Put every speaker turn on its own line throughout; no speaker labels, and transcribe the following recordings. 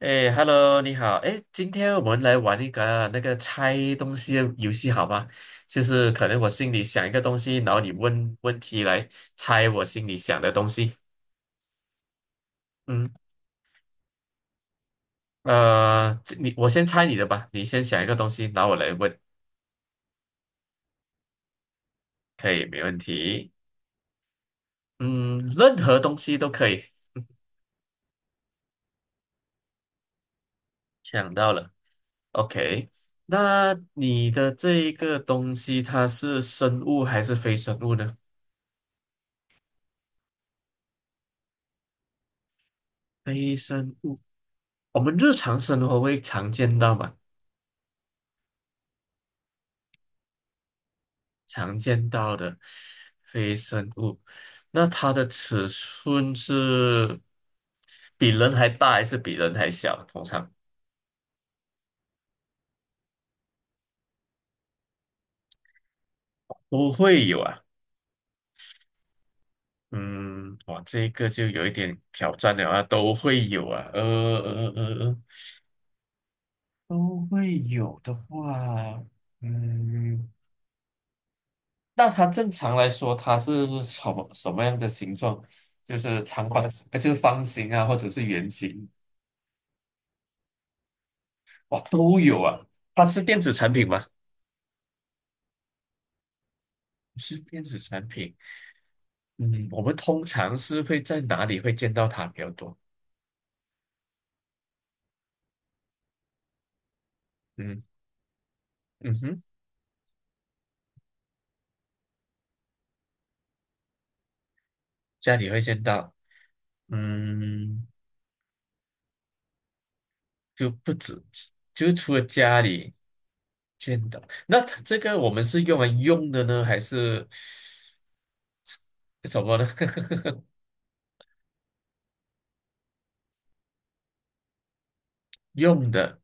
哎，Hello，你好。哎，今天我们来玩一个那个猜东西的游戏，好吗？就是可能我心里想一个东西，然后你问问题来猜我心里想的东西。嗯，这你我先猜你的吧，你先想一个东西，然后我来问，可以，没问题。嗯，任何东西都可以。想到了，OK。那你的这一个东西，它是生物还是非生物呢？非生物，我们日常生活会常见到嘛？常见到的非生物。那它的尺寸是比人还大还是比人还小？通常都会有啊。嗯，哇，这个就有一点挑战了啊，都会有啊，呃呃呃，都会有的话，嗯，那它正常来说，它是什么什么样的形状？就是长方形，就是方形啊，或者是圆形，哇，都有啊。它是电子产品吗？是电子产品，嗯，我们通常是会在哪里会见到它比较多？嗯嗯哼，家里会见到，嗯，就不止，就除了家里见到，那它这个我们是用来用的呢，还是什么呢？用的，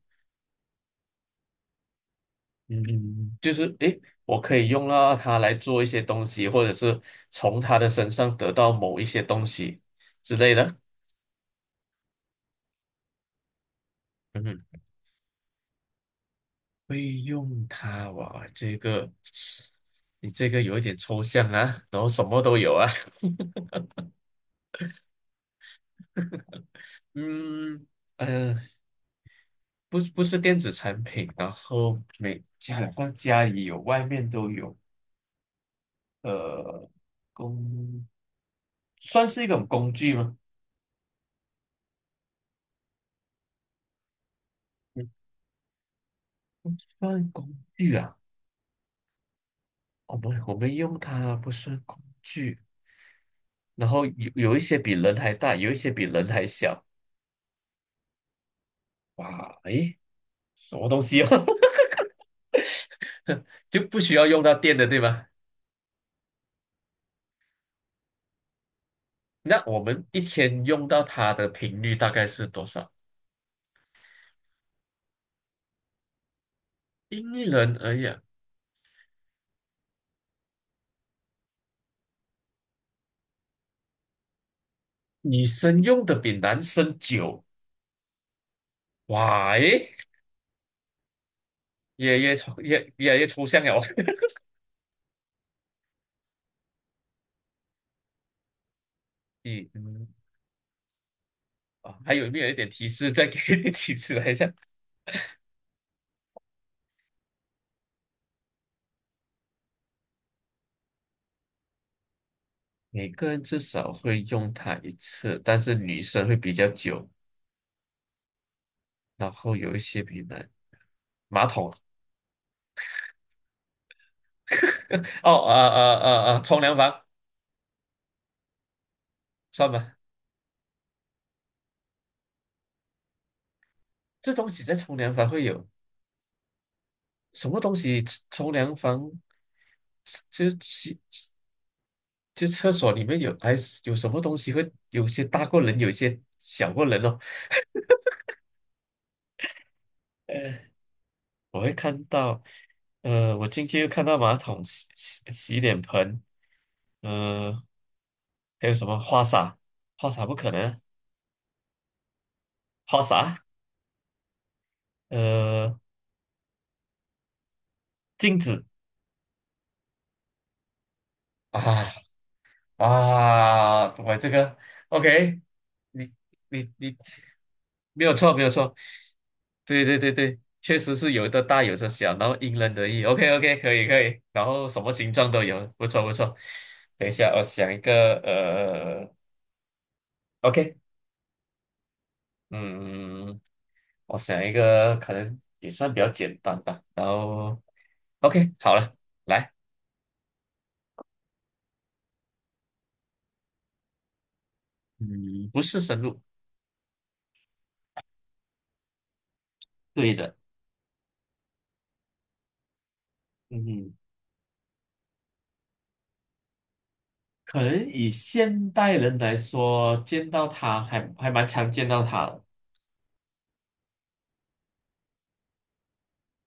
嗯，就是诶，我可以用到它来做一些东西，或者是从它的身上得到某一些东西之类的。嗯哼会用它哇，你这个有一点抽象啊，然后什么都有啊，嗯 呃，不是电子产品，然后基本上家里有，外面都有，呃，工算是一种工具吗？不算工具啊，我们用它不算工具，然后有一些比人还大，有一些比人还小，哇，诶，什么东西哦，就不需要用到电的，对吗？那我们一天用到它的频率大概是多少？因人而异啊，女生用的比男生久，哇，诶，越来越抽象了。你，还有没有一点提示？再给你提示来一下。每个人至少会用它一次，但是女生会比较久，然后有一些比男马桶哦，啊啊啊啊，冲凉房算吧，这东西在冲凉房会有。什么东西冲凉房，就洗就厕所里面有还是有什么东西会有些大过人，有些小过人哦。呃，我会看到，我进去又看到马桶、洗脸盆，呃，还有什么花洒，花洒不可能啊花洒，呃，镜子啊，啊，我这个 OK，你你没有错，没有错，对对对对，确实是有的大有的小，然后因人而异。OK OK，可以可以，然后什么形状都有，不错不错。等一下，我想一个，OK，嗯，我想一个可能也算比较简单吧。然后 OK，好了，来，嗯，不是深入，对的，嗯可能以现代人来说，见到他还蛮常见到他的。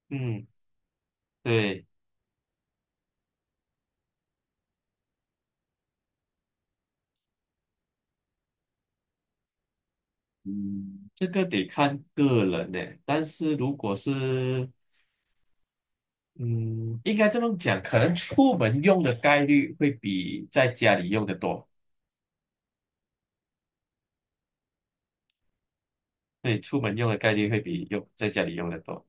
嗯，对，嗯，这个得看个人呢。但是如果是，嗯，应该这么讲，可能出门用的概率会比在家里用的多。对，出门用的概率会比用在家里用的多。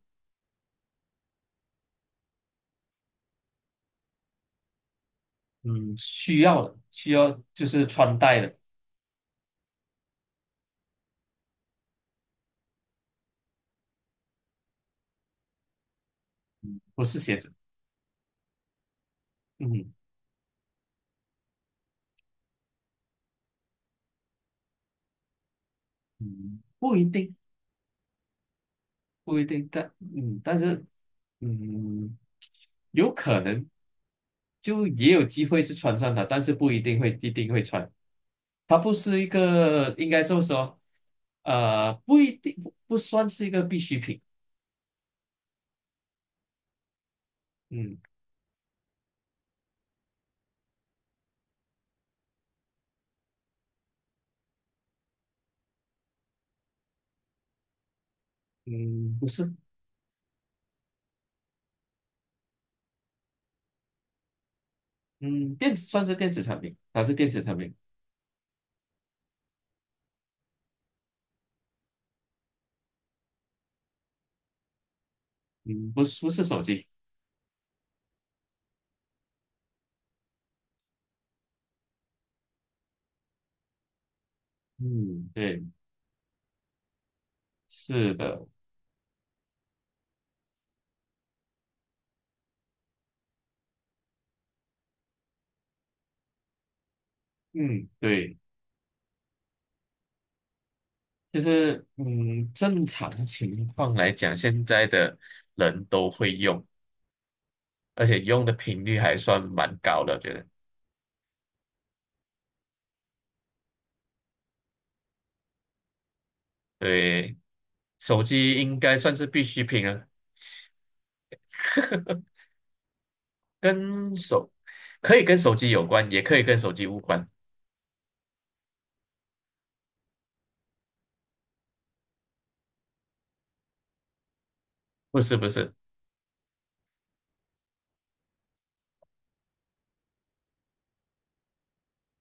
嗯，需要的，需要就是穿戴的，不是鞋子。嗯，嗯不一定，不一定，但是嗯，有可能。就也有机会是穿上它，但是不一定会一定会穿。它不是一个，应该说说，不一定不算是一个必需品。嗯嗯，不是，嗯，电子算是电子产品，它是电子产品。嗯，不是手机。嗯，对，是的，嗯，对，就是正常情况来讲，现在的人都会用，而且用的频率还算蛮高的，我觉得。对，手机应该算是必需品了。跟手可以跟手机有关，也可以跟手机无关，不是，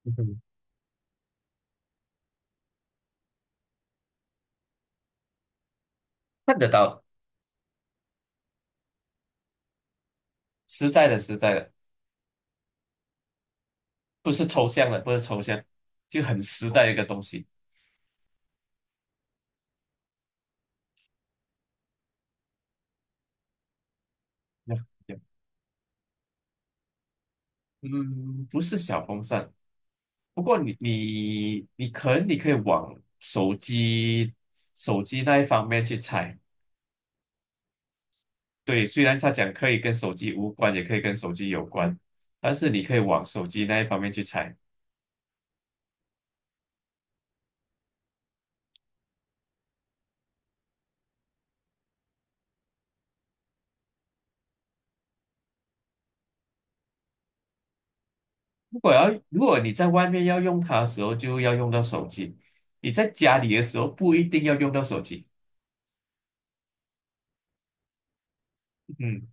嗯哼看得到的，实在的实在的，不是抽象的，不是抽象，就很实在的一个东西。那嗯，不是小风扇，不过你可能你可以往手机那一方面去猜。对，虽然他讲可以跟手机无关，也可以跟手机有关，但是你可以往手机那一方面去猜。如果要，如果你在外面要用它的时候，就要用到手机；你在家里的时候，不一定要用到手机。嗯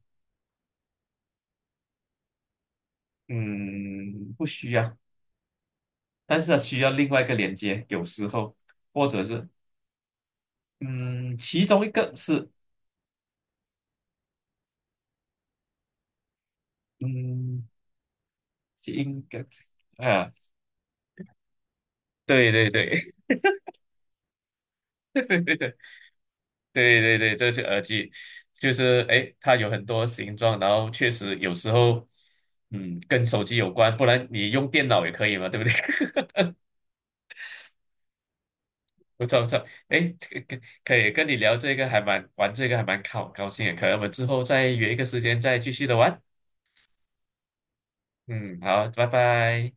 嗯，不需要，但是它需要另外一个连接，有时候或者是嗯，其中一个是嗯，应该啊，对对对 对对对对对，这是耳机，就是诶，它有很多形状，然后确实有时候跟手机有关，不然你用电脑也可以嘛，对不对？不错不错，哎，这个跟可以跟你聊这个还蛮高高兴的，可能我们之后再约一个时间再继续的玩。嗯，好，拜拜。